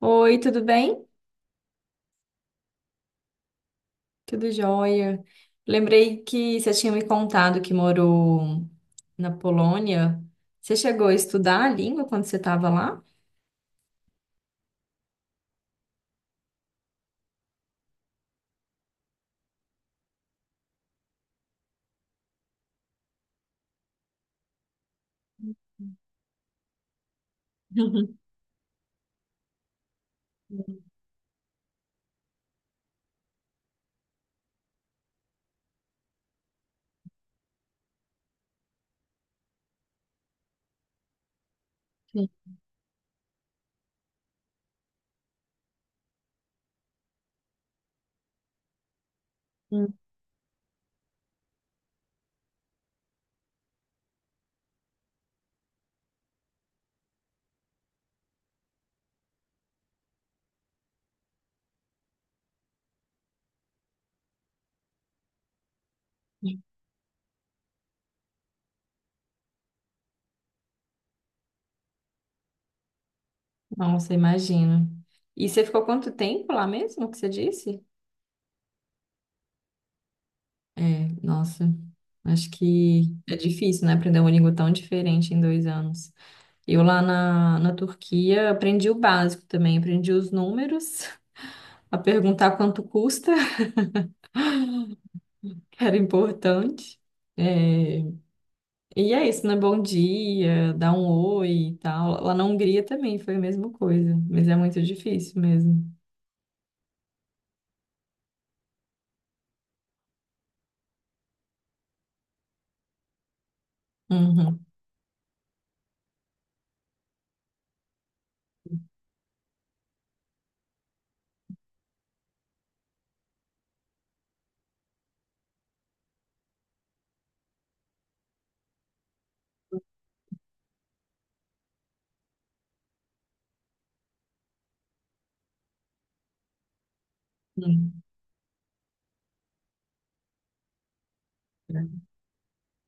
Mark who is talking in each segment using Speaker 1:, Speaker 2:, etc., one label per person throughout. Speaker 1: Oi, tudo bem? Tudo jóia. Lembrei que você tinha me contado que morou na Polônia. Você chegou a estudar a língua quando você estava lá? Uhum. Nossa, imagino. E você ficou quanto tempo lá mesmo que você disse? É, nossa, acho que é difícil, né? Aprender uma língua tão diferente em 2 anos. Eu lá na Turquia aprendi o básico também, aprendi os números, a perguntar quanto custa. Era importante. É. E é isso, né? Bom dia, dá um oi e tal. Lá na Hungria também foi a mesma coisa, mas é muito difícil mesmo. Uhum. Uhum.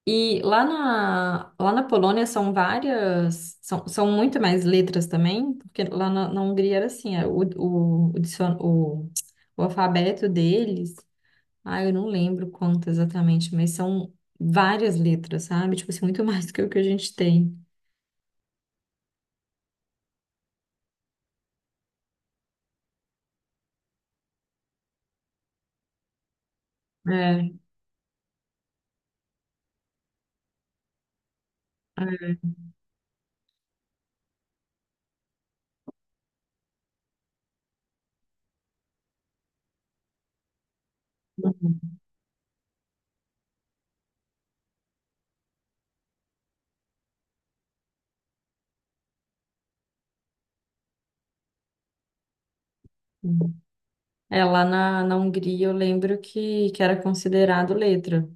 Speaker 1: E lá na Polônia são várias, são muito mais letras também, porque lá na Hungria era assim, o alfabeto deles, ah, eu não lembro quanto exatamente, mas são várias letras, sabe? Tipo assim, muito mais do que o que a gente tem. É, é. Uhum. É, lá na Hungria eu lembro que era considerado letra,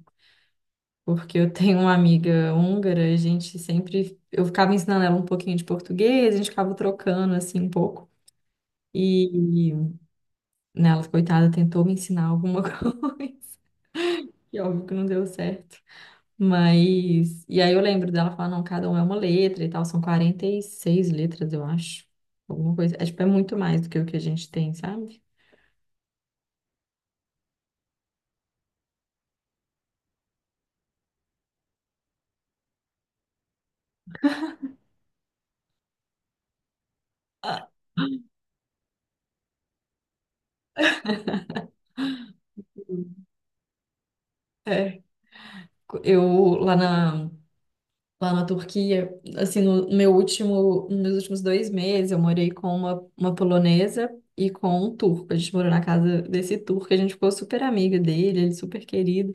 Speaker 1: porque eu tenho uma amiga húngara, e a gente sempre, eu ficava ensinando ela um pouquinho de português, a gente ficava trocando assim um pouco, e né, ela, coitada, tentou me ensinar alguma coisa, e óbvio que não deu certo, mas, e aí eu lembro dela falar, não, cada um é uma letra e tal, são 46 letras, eu acho, alguma coisa, é tipo, é muito mais do que o que a gente tem, sabe? Ah. É. Eu lá na, lá na Turquia, assim, no meu último, nos meus últimos 2 meses, eu morei com uma polonesa e com um turco. A gente morou na casa desse turco, a gente ficou super amiga dele, ele super querido.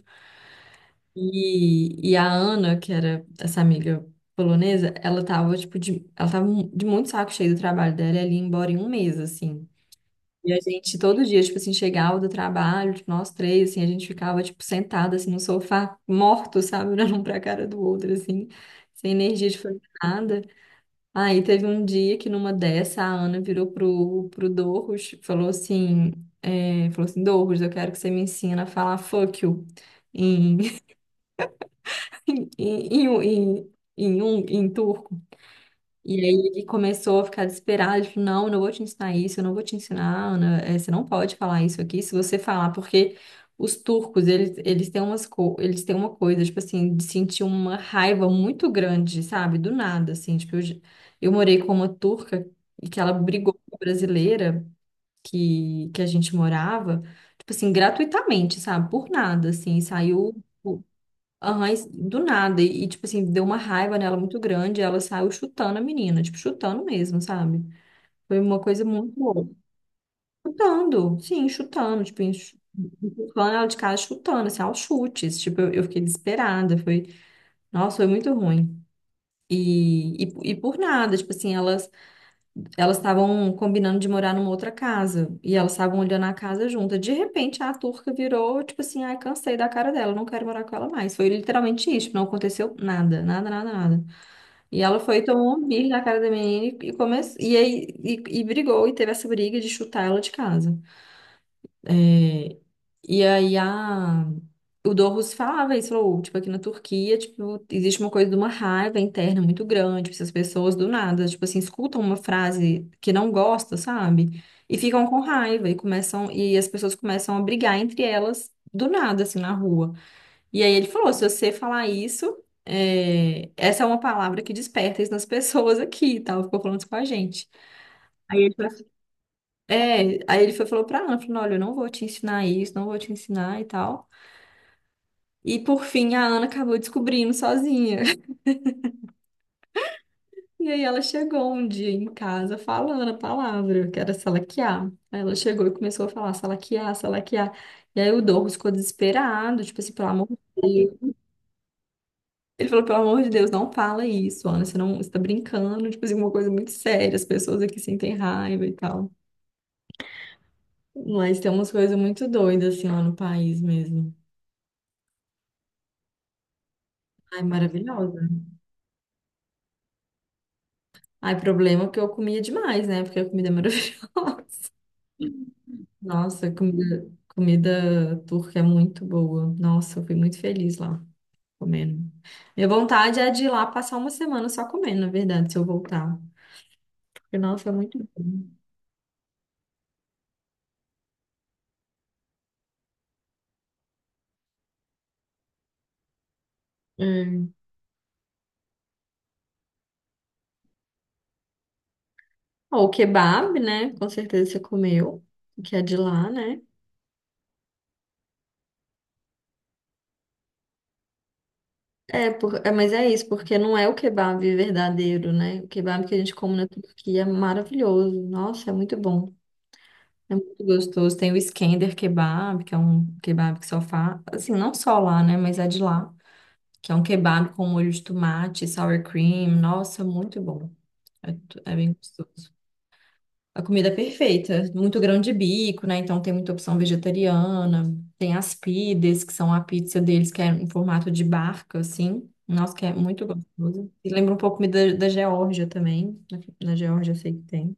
Speaker 1: E a Ana, que era essa amiga polonesa, ela tava, tipo, ela tava de muito saco cheio do trabalho dela, ela ia embora em um mês, assim. E a gente todo dia, tipo assim, chegava do trabalho, tipo, nós três, assim, a gente ficava, tipo, sentado, assim, no sofá, morto, sabe? Olhando um pra cara do outro, assim, sem energia de fazer nada. Aí teve um dia que numa dessa, a Ana virou pro Dorros, falou assim, Dorros, eu quero que você me ensina a falar fuck you em, em turco. E aí ele começou a ficar desesperado, ele falou, não, eu não vou te ensinar isso, eu não vou te ensinar, Ana, você não pode falar isso aqui, se você falar, porque os turcos, eles têm uma coisa, tipo assim, de sentir uma raiva muito grande, sabe? Do nada, assim, tipo, eu morei com uma turca e que ela brigou com a brasileira que a gente morava, tipo assim, gratuitamente, sabe? Por nada, assim, saiu... Aham, e do nada. E, tipo assim, deu uma raiva nela muito grande. Ela saiu chutando a menina, tipo, chutando mesmo, sabe? Foi uma coisa muito louca. Chutando, sim, chutando, tipo, empurrando ela de casa, chutando, assim, aos chutes. Tipo, eu fiquei desesperada. Foi, nossa, foi muito ruim. E por nada, tipo assim, elas estavam combinando de morar numa outra casa e elas estavam olhando a casa junta. De repente, a turca virou, tipo assim, ai, cansei da cara dela, não quero morar com ela mais. Foi literalmente isso, tipo, não aconteceu nada, nada, nada, nada. E ela foi, tomou um birro na cara da menina e começou, e aí, e brigou e teve essa briga de chutar ela de casa. E aí o Dorus falava isso, falou, tipo, aqui na Turquia, tipo, existe uma coisa de uma raiva interna muito grande, tipo, se as pessoas do nada, tipo assim, escutam uma frase que não gosta, sabe? E ficam com raiva e as pessoas começam a brigar entre elas do nada, assim, na rua. E aí ele falou, se você falar isso, essa é uma palavra que desperta isso nas pessoas aqui e tal, ficou falando isso com a gente. Aí ele foi, falou pra Ana, falou, olha, eu não vou te ensinar isso, não vou te ensinar e tal. E por fim a Ana acabou descobrindo sozinha. E aí ela chegou um dia em casa falando a palavra, que era salaquear. Aí ela chegou e começou a falar salaquear, salaquear. E aí o Douglas ficou desesperado, tipo assim, pelo amor de Deus. Ele falou, pelo amor de Deus, não fala isso, Ana, você não, você tá brincando, tipo assim, uma coisa muito séria, as pessoas aqui sentem raiva e tal. Mas tem umas coisas muito doidas, assim, lá no país mesmo. Ai, maravilhosa. Ai, problema que eu comia demais, né? Porque a comida é maravilhosa. Nossa, comida, comida turca é muito boa. Nossa, eu fui muito feliz lá comendo. Minha vontade é de ir lá passar uma semana só comendo, na verdade, se eu voltar. Porque, nossa, é muito bom. É. Ó, o kebab, né? Com certeza você comeu, que é de lá, né? É, mas é isso, porque não é o kebab verdadeiro, né? O kebab que a gente come na Turquia é maravilhoso. Nossa, é muito bom. É muito gostoso. Tem o Iskender Kebab, que é um kebab que só faz, assim, não só lá, né, mas é de lá, que é um kebab com molho de tomate, sour cream. Nossa, muito bom. É bem gostoso. A comida é perfeita, muito grão de bico, né? Então tem muita opção vegetariana. Tem as pides, que são a pizza deles, que é em formato de barca, assim. Nossa, que é muito gostoso. E lembra um pouco da Geórgia também. Na Geórgia eu sei que tem.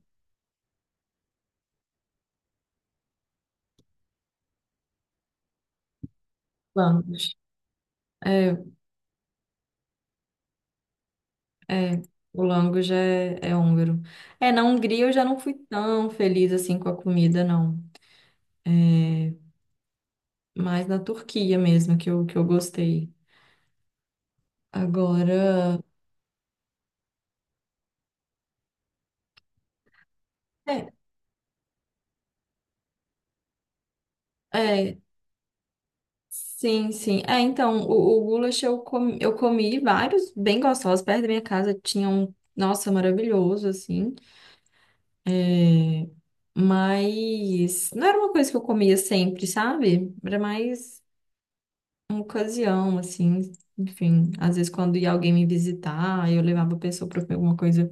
Speaker 1: Vamos. É, é, o lango já é húngaro. É, na Hungria eu já não fui tão feliz assim com a comida, não. É, mais na Turquia mesmo que eu gostei. Agora, é, é, sim, sim. É, então, o goulash eu comi vários bem gostosos perto da minha casa. Tinha um, nossa, maravilhoso, assim. É, mas não era uma coisa que eu comia sempre, sabe? Era mais uma ocasião, assim, enfim, às vezes quando ia alguém me visitar, eu levava a pessoa para comer alguma coisa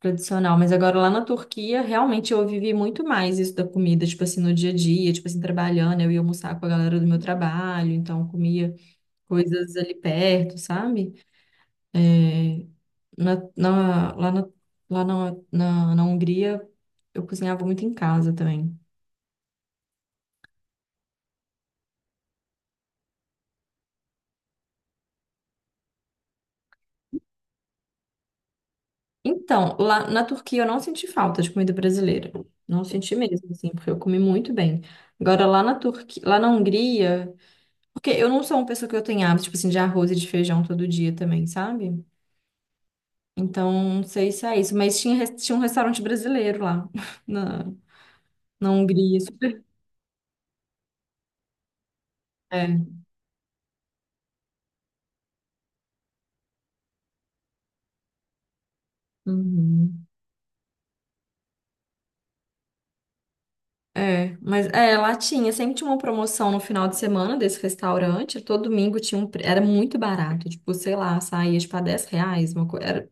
Speaker 1: tradicional, mas agora lá na Turquia, realmente eu vivi muito mais isso da comida, tipo assim, no dia a dia, tipo assim, trabalhando, eu ia almoçar com a galera do meu trabalho, então comia coisas ali perto, sabe? É, na, na- lá na, lá na, na, na Hungria, eu cozinhava muito em casa também. Então, lá na Turquia eu não senti falta de comida brasileira. Não senti mesmo, assim, porque eu comi muito bem. Agora, lá na Turquia, lá na Hungria, porque eu não sou uma pessoa que eu tenho hábito, tipo assim, de arroz e de feijão todo dia também, sabe? Então, não sei se é isso, mas tinha um restaurante brasileiro lá na, na Hungria. Super. É. Uhum. É, mas sempre tinha uma promoção no final de semana desse restaurante, todo domingo tinha era muito barato, tipo, sei lá, saía tipo a 10 reais, uma coisa,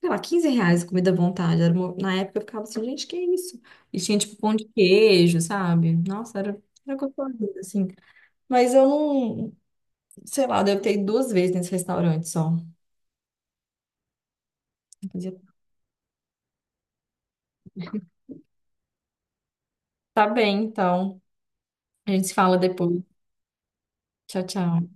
Speaker 1: sei lá, 15 reais comida à vontade. Na época eu ficava assim, gente, que isso? E tinha tipo pão de queijo, sabe? Nossa, era gostoso, assim. Mas eu não, sei lá, eu devo ter ido duas vezes nesse restaurante só. Tá bem, então. A gente se fala depois. Tchau, tchau.